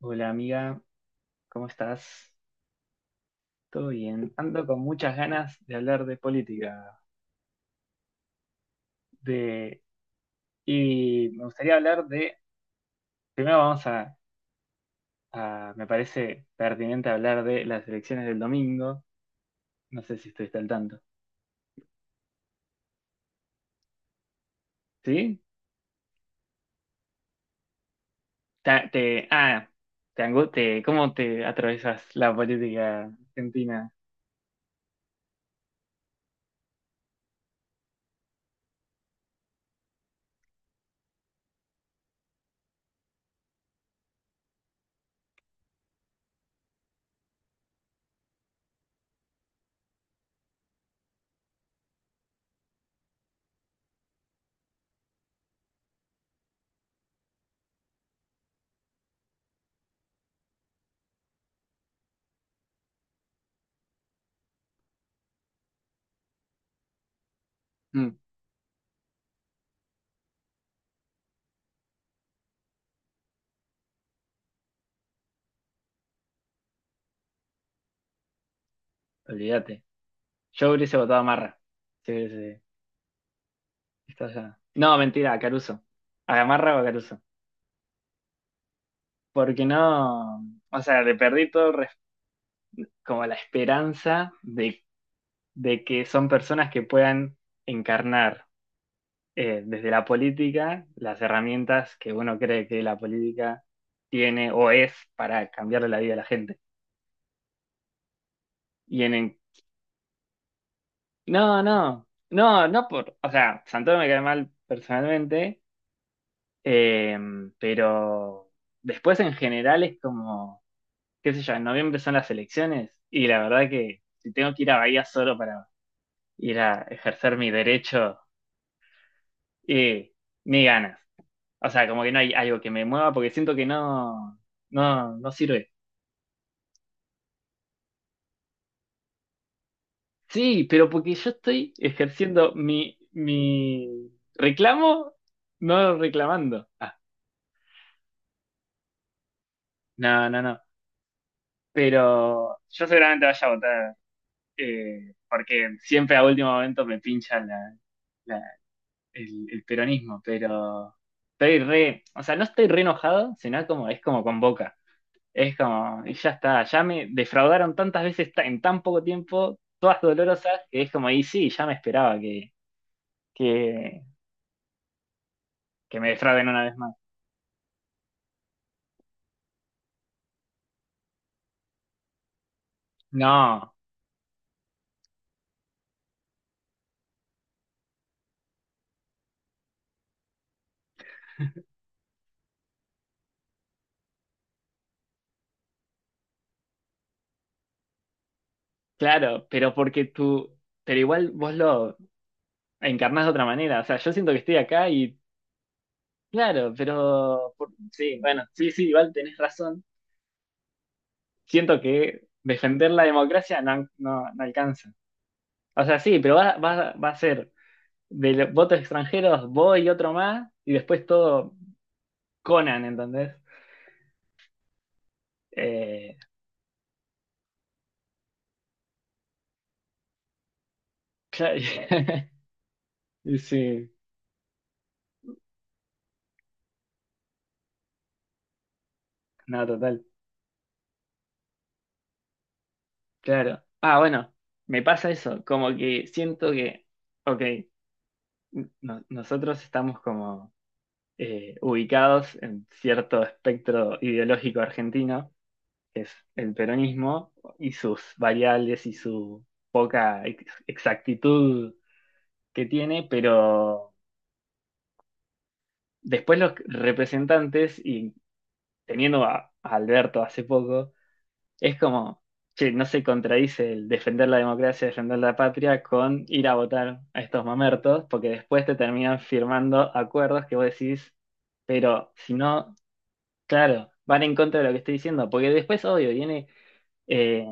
Hola amiga, ¿cómo estás? ¿Todo bien? Ando con muchas ganas de hablar de política, de... y me gustaría hablar de. Primero vamos a- Me parece pertinente hablar de las elecciones del domingo. No sé si estuviste al tanto. ¿Sí? Ta- te... Ah, te angu- te- ¿Cómo te atravesas la política argentina? Mm, Olvídate. Yo hubiese votado a Marra. Sí, sí, estás allá. No, mentira, a Caruso. ¿A Marra o a Caruso? Porque no, o sea, le perdí todo como la esperanza de que son personas que puedan encarnar, desde la política, las herramientas que uno cree que la política tiene o es para cambiarle la vida a la gente. Y en, en- no, no, no, no por, o sea, Santoro me cae mal personalmente, eh, pero después en general es como, qué sé yo, en noviembre son las elecciones y la verdad que si tengo que ir a Bahía solo para ir a ejercer mi derecho y mis ganas. O sea, como que no hay algo que me mueva porque siento que no, no, no sirve. Sí, pero porque yo estoy ejerciendo mi reclamo, no reclamando. Ah, no, no, no. Pero yo seguramente vaya a votar, porque siempre a último momento me pincha la- el peronismo, pero estoy re, o sea, no estoy re enojado, sino como es como con Boca. Es como, y ya está, ya me defraudaron tantas veces en tan poco tiempo, todas dolorosas, que es como, y sí, ya me esperaba que, que, me defrauden una vez más. No, claro, pero igual vos lo encarnás de otra manera, o sea, yo siento que estoy acá y, claro, sí, bueno, sí, sí, igual tenés razón. Siento que defender la democracia no, no, no alcanza. O sea, sí, pero va a ser de los votos extranjeros, vos y otro más, y después todo Conan, ¿entendés? Eh, claro, y sí, no, total, claro. Ah, bueno, me pasa eso, como que siento que, ok, nosotros estamos como, ubicados en cierto espectro ideológico argentino, que es el peronismo, y sus variables y su poca exactitud que tiene, pero después los representantes, y teniendo a Alberto hace poco. Es como, che, no se contradice el defender la democracia, defender la patria con ir a votar a estos mamertos, porque después te terminan firmando acuerdos que vos decís, pero si no, claro, van en contra de lo que estoy diciendo, porque después, obvio, viene, eh,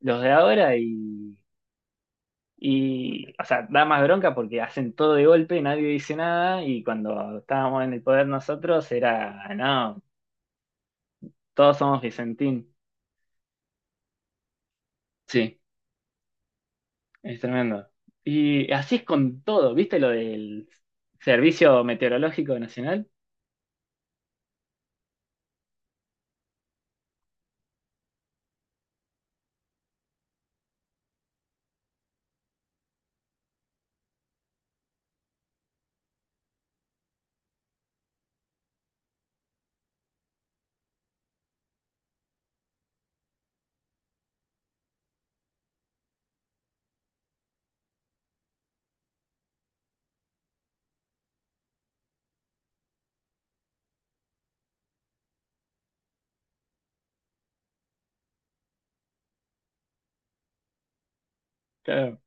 los de ahora y, o sea, da más bronca porque hacen todo de golpe, nadie dice nada, y cuando estábamos en el poder nosotros era, no, todos somos Vicentín. Es tremendo. Y así es con todo, ¿viste lo del Servicio Meteorológico Nacional? Claro,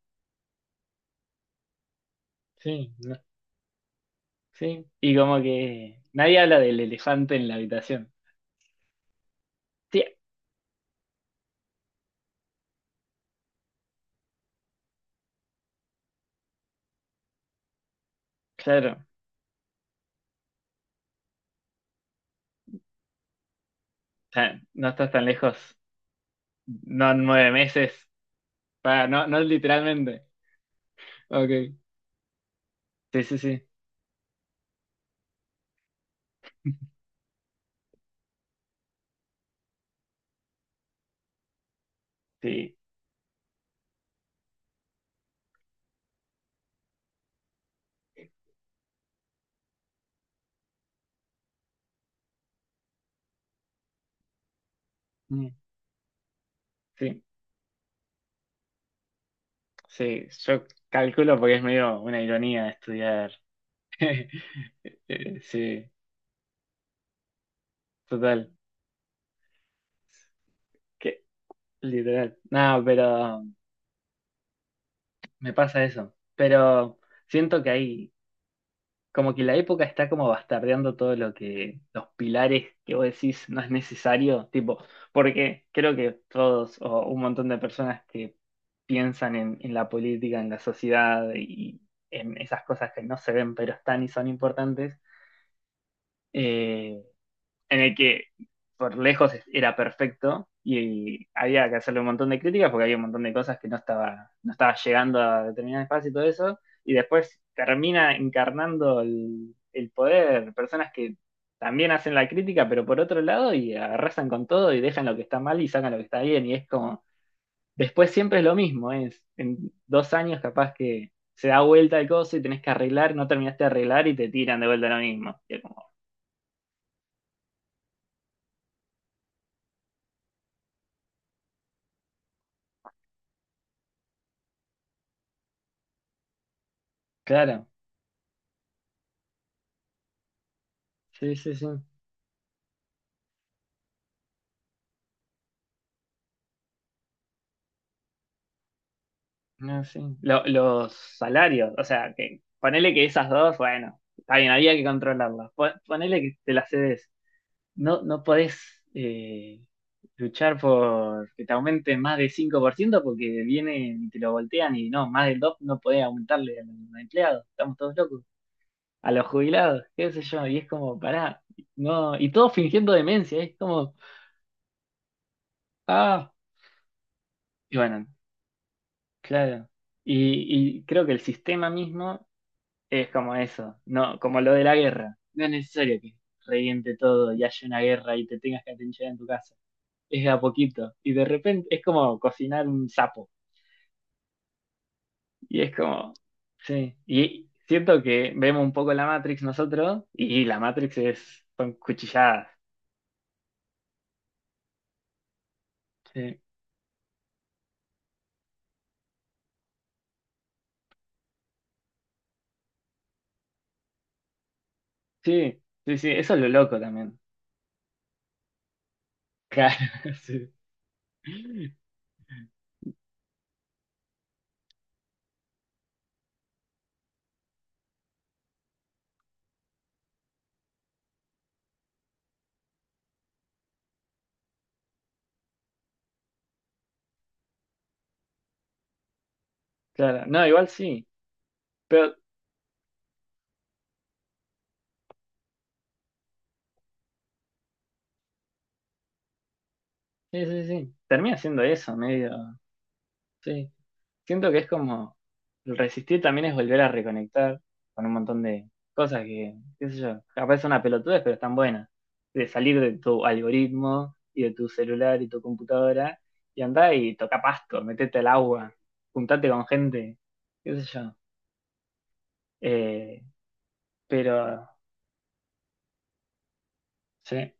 sí, sí. Y como que nadie habla del elefante en la habitación. Sí, claro. O sea, no estás tan lejos. No en 9 meses. Pa, no, no literalmente. Ok. Sí, sí, sí. Sí. Mm, sí, sí. Yo calculo porque es medio una ironía estudiar. Sí, total. Que literal. No, pero me pasa eso. Pero siento que ahí, como que la época está como bastardeando todo lo que, los pilares que vos decís no es necesario, tipo, porque creo que todos o un montón de personas que piensan en la política, en la sociedad y en esas cosas que no se ven pero están y son importantes, eh, en el que por lejos era perfecto y había que hacerle un montón de críticas porque había un montón de cosas que no estaba llegando a determinado espacio y todo eso, y después termina encarnando el poder, personas que también hacen la crítica, pero por otro lado, y arrasan con todo y dejan lo que está mal y sacan lo que está bien, y es como, después siempre es lo mismo, ¿eh? Es en 2 años capaz que se da vuelta el coso y tenés que arreglar, no terminaste de arreglar y te tiran de vuelta lo mismo. Y es como, claro, sí, sí, sí. No, sí. Los salarios, o sea, que ponele que esas dos, bueno, está bien, había que controlarlas. Ponele que te las cedes. No, no podés, eh, luchar por que te aumenten más del 5% porque vienen y te lo voltean y no, más del 2 no podés aumentarle a los empleados. Estamos todos locos. A los jubilados, qué sé yo. Y es como, pará, no, y todos fingiendo demencia, es como, ah, y bueno, claro. Y creo que el sistema mismo es como eso, no, como lo de la guerra. No es necesario que reviente todo y haya una guerra y te tengas que atinchar en tu casa. Es de a poquito. Y de repente es como cocinar un sapo. Y es como, sí. Y siento que vemos un poco la Matrix nosotros y la Matrix es, son cuchilladas. Sí, sí, sí, sí, eso es lo loco también. Claro, sí. Claro, no, igual sí. Pero, sí, sí, sí. Termina siendo eso, medio. Sí. Siento que es como el resistir también es volver a reconectar con un montón de cosas que, qué sé yo, capaz son una pelotudez, pero están buenas. De salir de tu algoritmo y de tu celular y tu computadora y andá y toca pasto, metete al agua, juntate con gente, qué sé yo. Eh, pero, sí,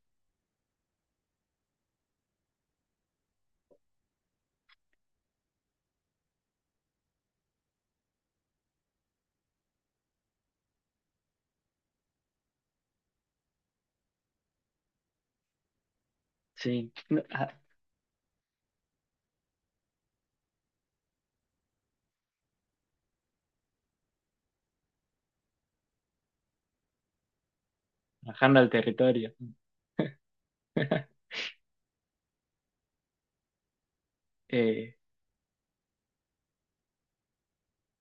sí, bajando al territorio. Eh,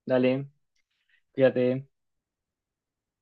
Dale, cuídate.